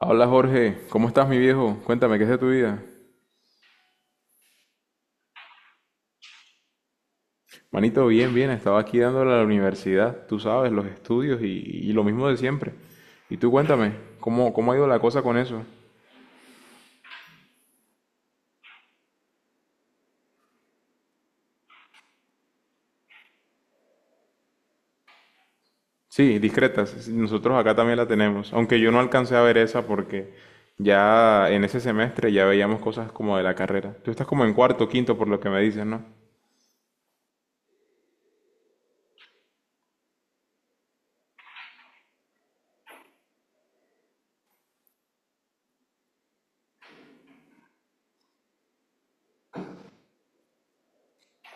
Hola Jorge, ¿cómo estás mi viejo? Cuéntame, ¿qué es de tu vida? Manito, bien, bien, estaba aquí dándole a la universidad, tú sabes, los estudios y lo mismo de siempre. Y tú cuéntame, ¿cómo ha ido la cosa con eso? Sí, discretas, sí, nosotros acá también la tenemos, aunque yo no alcancé a ver esa porque ya en ese semestre ya veíamos cosas como de la carrera. Tú estás como en cuarto, quinto, por lo que me dices, ¿no?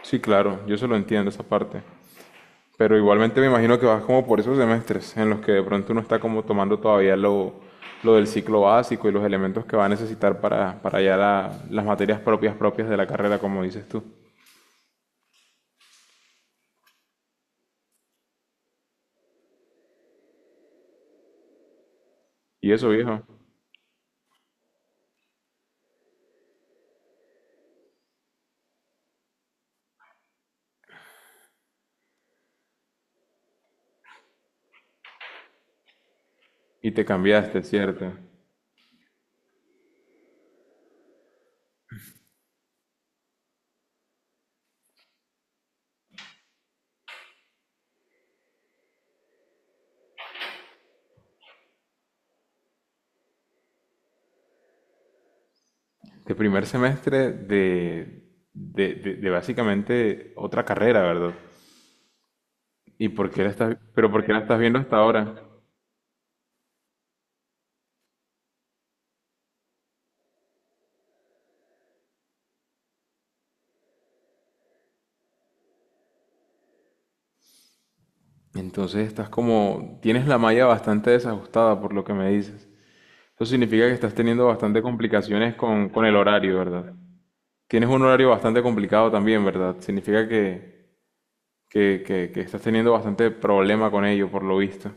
Sí, claro, yo se lo entiendo esa parte. Pero igualmente me imagino que vas como por esos semestres en los que de pronto uno está como tomando todavía lo del ciclo básico y los elementos que va a necesitar para ya las materias propias propias de la carrera, como dices tú. Y eso, viejo. Y te cambiaste, ¿cierto? De primer semestre de básicamente otra carrera, ¿verdad? ¿Y por qué la estás, pero por qué la estás viendo hasta ahora? Entonces estás como, tienes la malla bastante desajustada por lo que me dices. Eso significa que estás teniendo bastante complicaciones con el horario, ¿verdad? Tienes un horario bastante complicado también, ¿verdad? Significa que estás teniendo bastante problema con ello, por lo visto.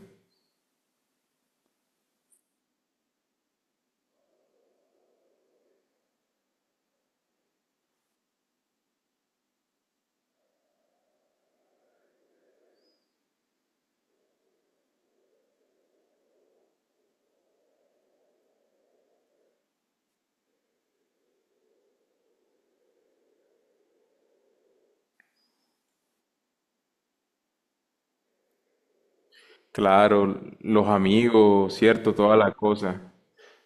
Claro, los amigos, cierto, toda la cosa.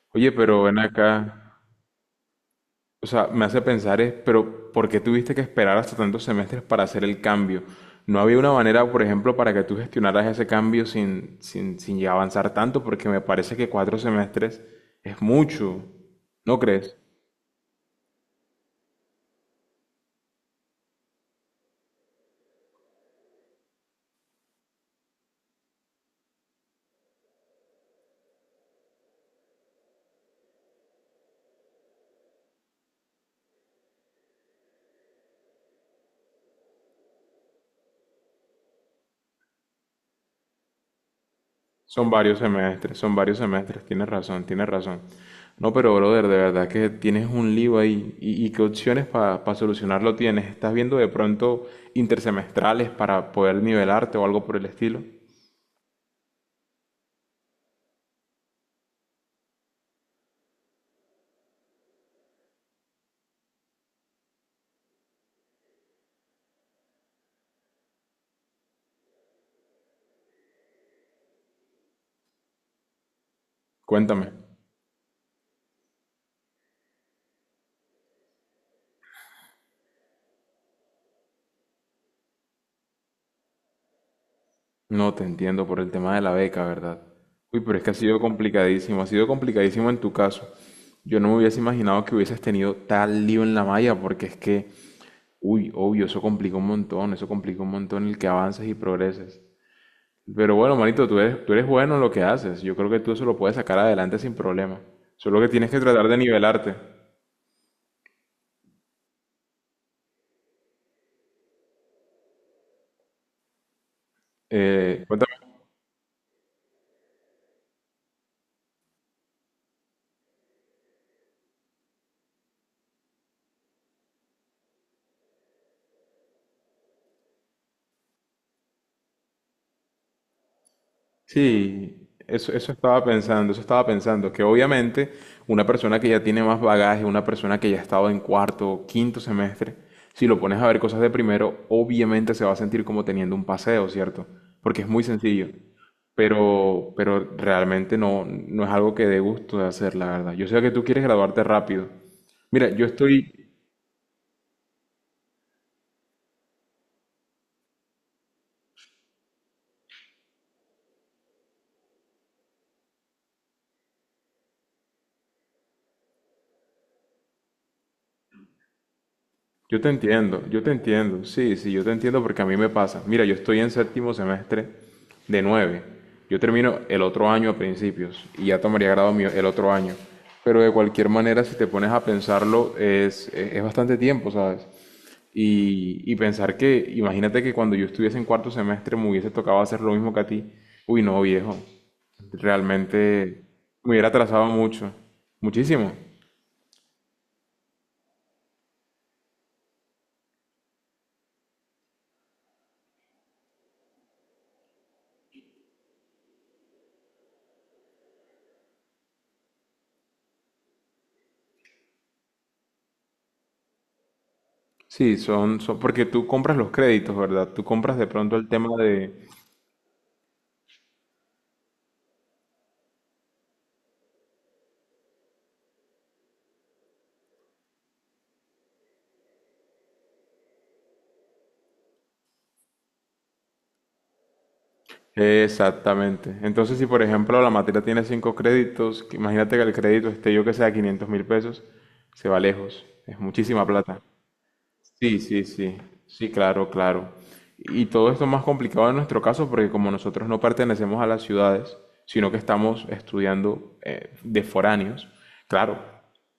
Oye, pero ven acá. O sea, me hace pensar es, pero ¿por qué tuviste que esperar hasta tantos semestres para hacer el cambio? ¿No había una manera, por ejemplo, para que tú gestionaras ese cambio sin llegar a avanzar tanto? Porque me parece que 4 semestres es mucho, ¿no crees? Son varios semestres, tienes razón, tienes razón. No, pero brother, de verdad que tienes un lío ahí. ¿Y qué opciones para solucionarlo tienes? ¿Estás viendo de pronto intersemestrales para poder nivelarte o algo por el estilo? Cuéntame. No te entiendo por el tema de la beca, ¿verdad? Uy, pero es que ha sido complicadísimo en tu caso. Yo no me hubiese imaginado que hubieses tenido tal lío en la malla, porque es que, uy, obvio, eso complica un montón, eso complica un montón el que avances y progreses. Pero bueno, manito, tú eres bueno en lo que haces. Yo creo que tú eso lo puedes sacar adelante sin problema. Solo que tienes que tratar de nivelarte. Eh, Sí, eso estaba pensando, que obviamente una persona que ya tiene más bagaje, una persona que ya ha estado en cuarto o quinto semestre, si lo pones a ver cosas de primero, obviamente se va a sentir como teniendo un paseo, ¿cierto? Porque es muy sencillo, pero realmente no, no es algo que dé gusto de hacer, la verdad. Yo sé que tú quieres graduarte rápido. Mira, yo estoy, yo te entiendo, yo te entiendo, sí, sí, yo te entiendo porque a mí me pasa. Mira, yo estoy en séptimo semestre de nueve. Yo termino el otro año a principios y ya tomaría grado mío el otro año. Pero de cualquier manera, si te pones a pensarlo, es bastante tiempo, ¿sabes? Y pensar que, imagínate que cuando yo estuviese en cuarto semestre me hubiese tocado hacer lo mismo que a ti. Uy, no, viejo. Realmente me hubiera atrasado mucho, muchísimo. Sí, son, porque tú compras los créditos, ¿verdad? Tú compras de pronto el tema de. Exactamente. Entonces, si por ejemplo la materia tiene 5 créditos, imagínate que el crédito esté yo que sea 500.000 pesos, se va lejos. Es muchísima plata. Sí, sí, sí, sí, claro, claro. Y todo esto más complicado en nuestro caso porque como nosotros no pertenecemos a las ciudades, sino que estamos estudiando de foráneos, claro,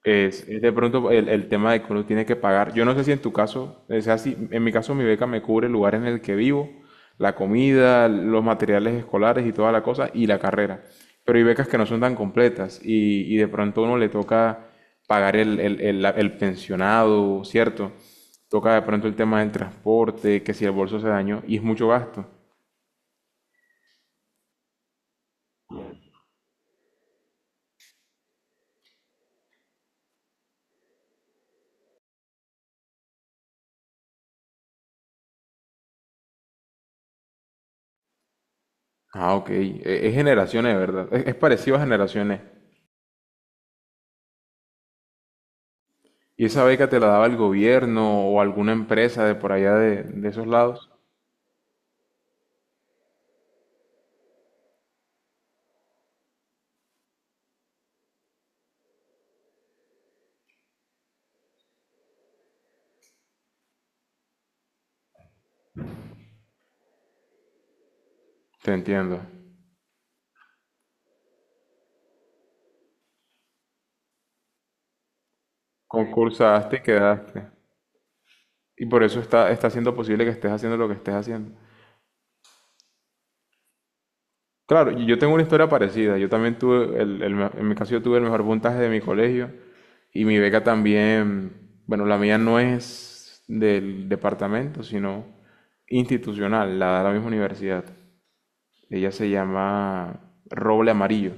es de pronto el tema de que uno tiene que pagar. Yo no sé si en tu caso es así, en mi caso mi beca me cubre el lugar en el que vivo, la comida, los materiales escolares y toda la cosa y la carrera. Pero hay becas que no son tan completas y de pronto a uno le toca pagar el pensionado, ¿cierto? Toca de pronto el tema del transporte, que si el bolso se dañó, y es mucho gasto. Ah, ok. Es generaciones, de verdad. Es parecido a generaciones. ¿Y esa beca te la daba el gobierno o alguna empresa de por allá de esos lados? Te entiendo. Concursaste y quedaste. Y por eso está siendo posible que estés haciendo lo que estés haciendo. Claro, y yo tengo una historia parecida. Yo también tuve, en mi caso yo tuve el mejor puntaje de mi colegio y mi beca también, bueno, la mía no es del departamento, sino institucional, la de la misma universidad. Ella se llama Roble Amarillo.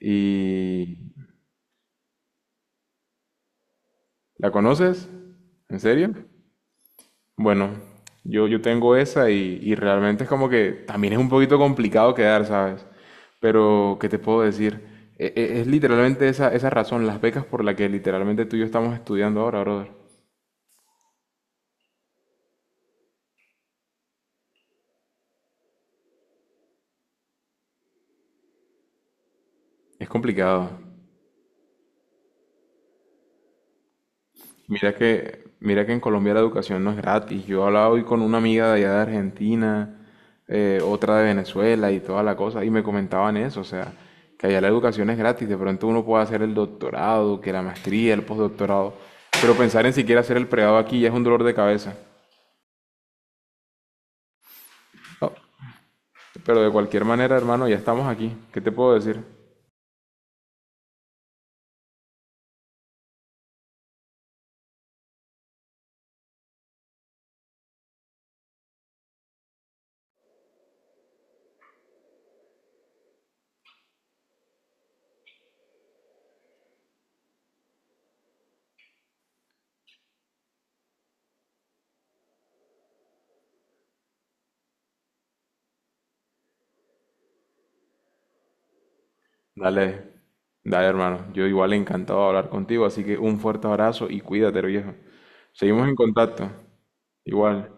¿Y la conoces? ¿En serio? Bueno, yo tengo esa y realmente es como que también es un poquito complicado quedar, ¿sabes? Pero, ¿qué te puedo decir? Es, literalmente esa razón, las becas por la que literalmente tú y yo estamos estudiando ahora, brother. Es complicado. Mira que en Colombia la educación no es gratis. Yo hablaba hoy con una amiga de allá de Argentina, otra de Venezuela y toda la cosa, y me comentaban eso, o sea, que allá la educación es gratis. De pronto uno puede hacer el doctorado, que la maestría, el postdoctorado, pero pensar en siquiera hacer el pregrado aquí ya es un dolor de cabeza. No, pero de cualquier manera, hermano, ya estamos aquí. ¿Qué te puedo decir? Dale, dale, hermano. Yo igual encantado de hablar contigo, así que un fuerte abrazo y cuídate, viejo. Seguimos en contacto. Igual.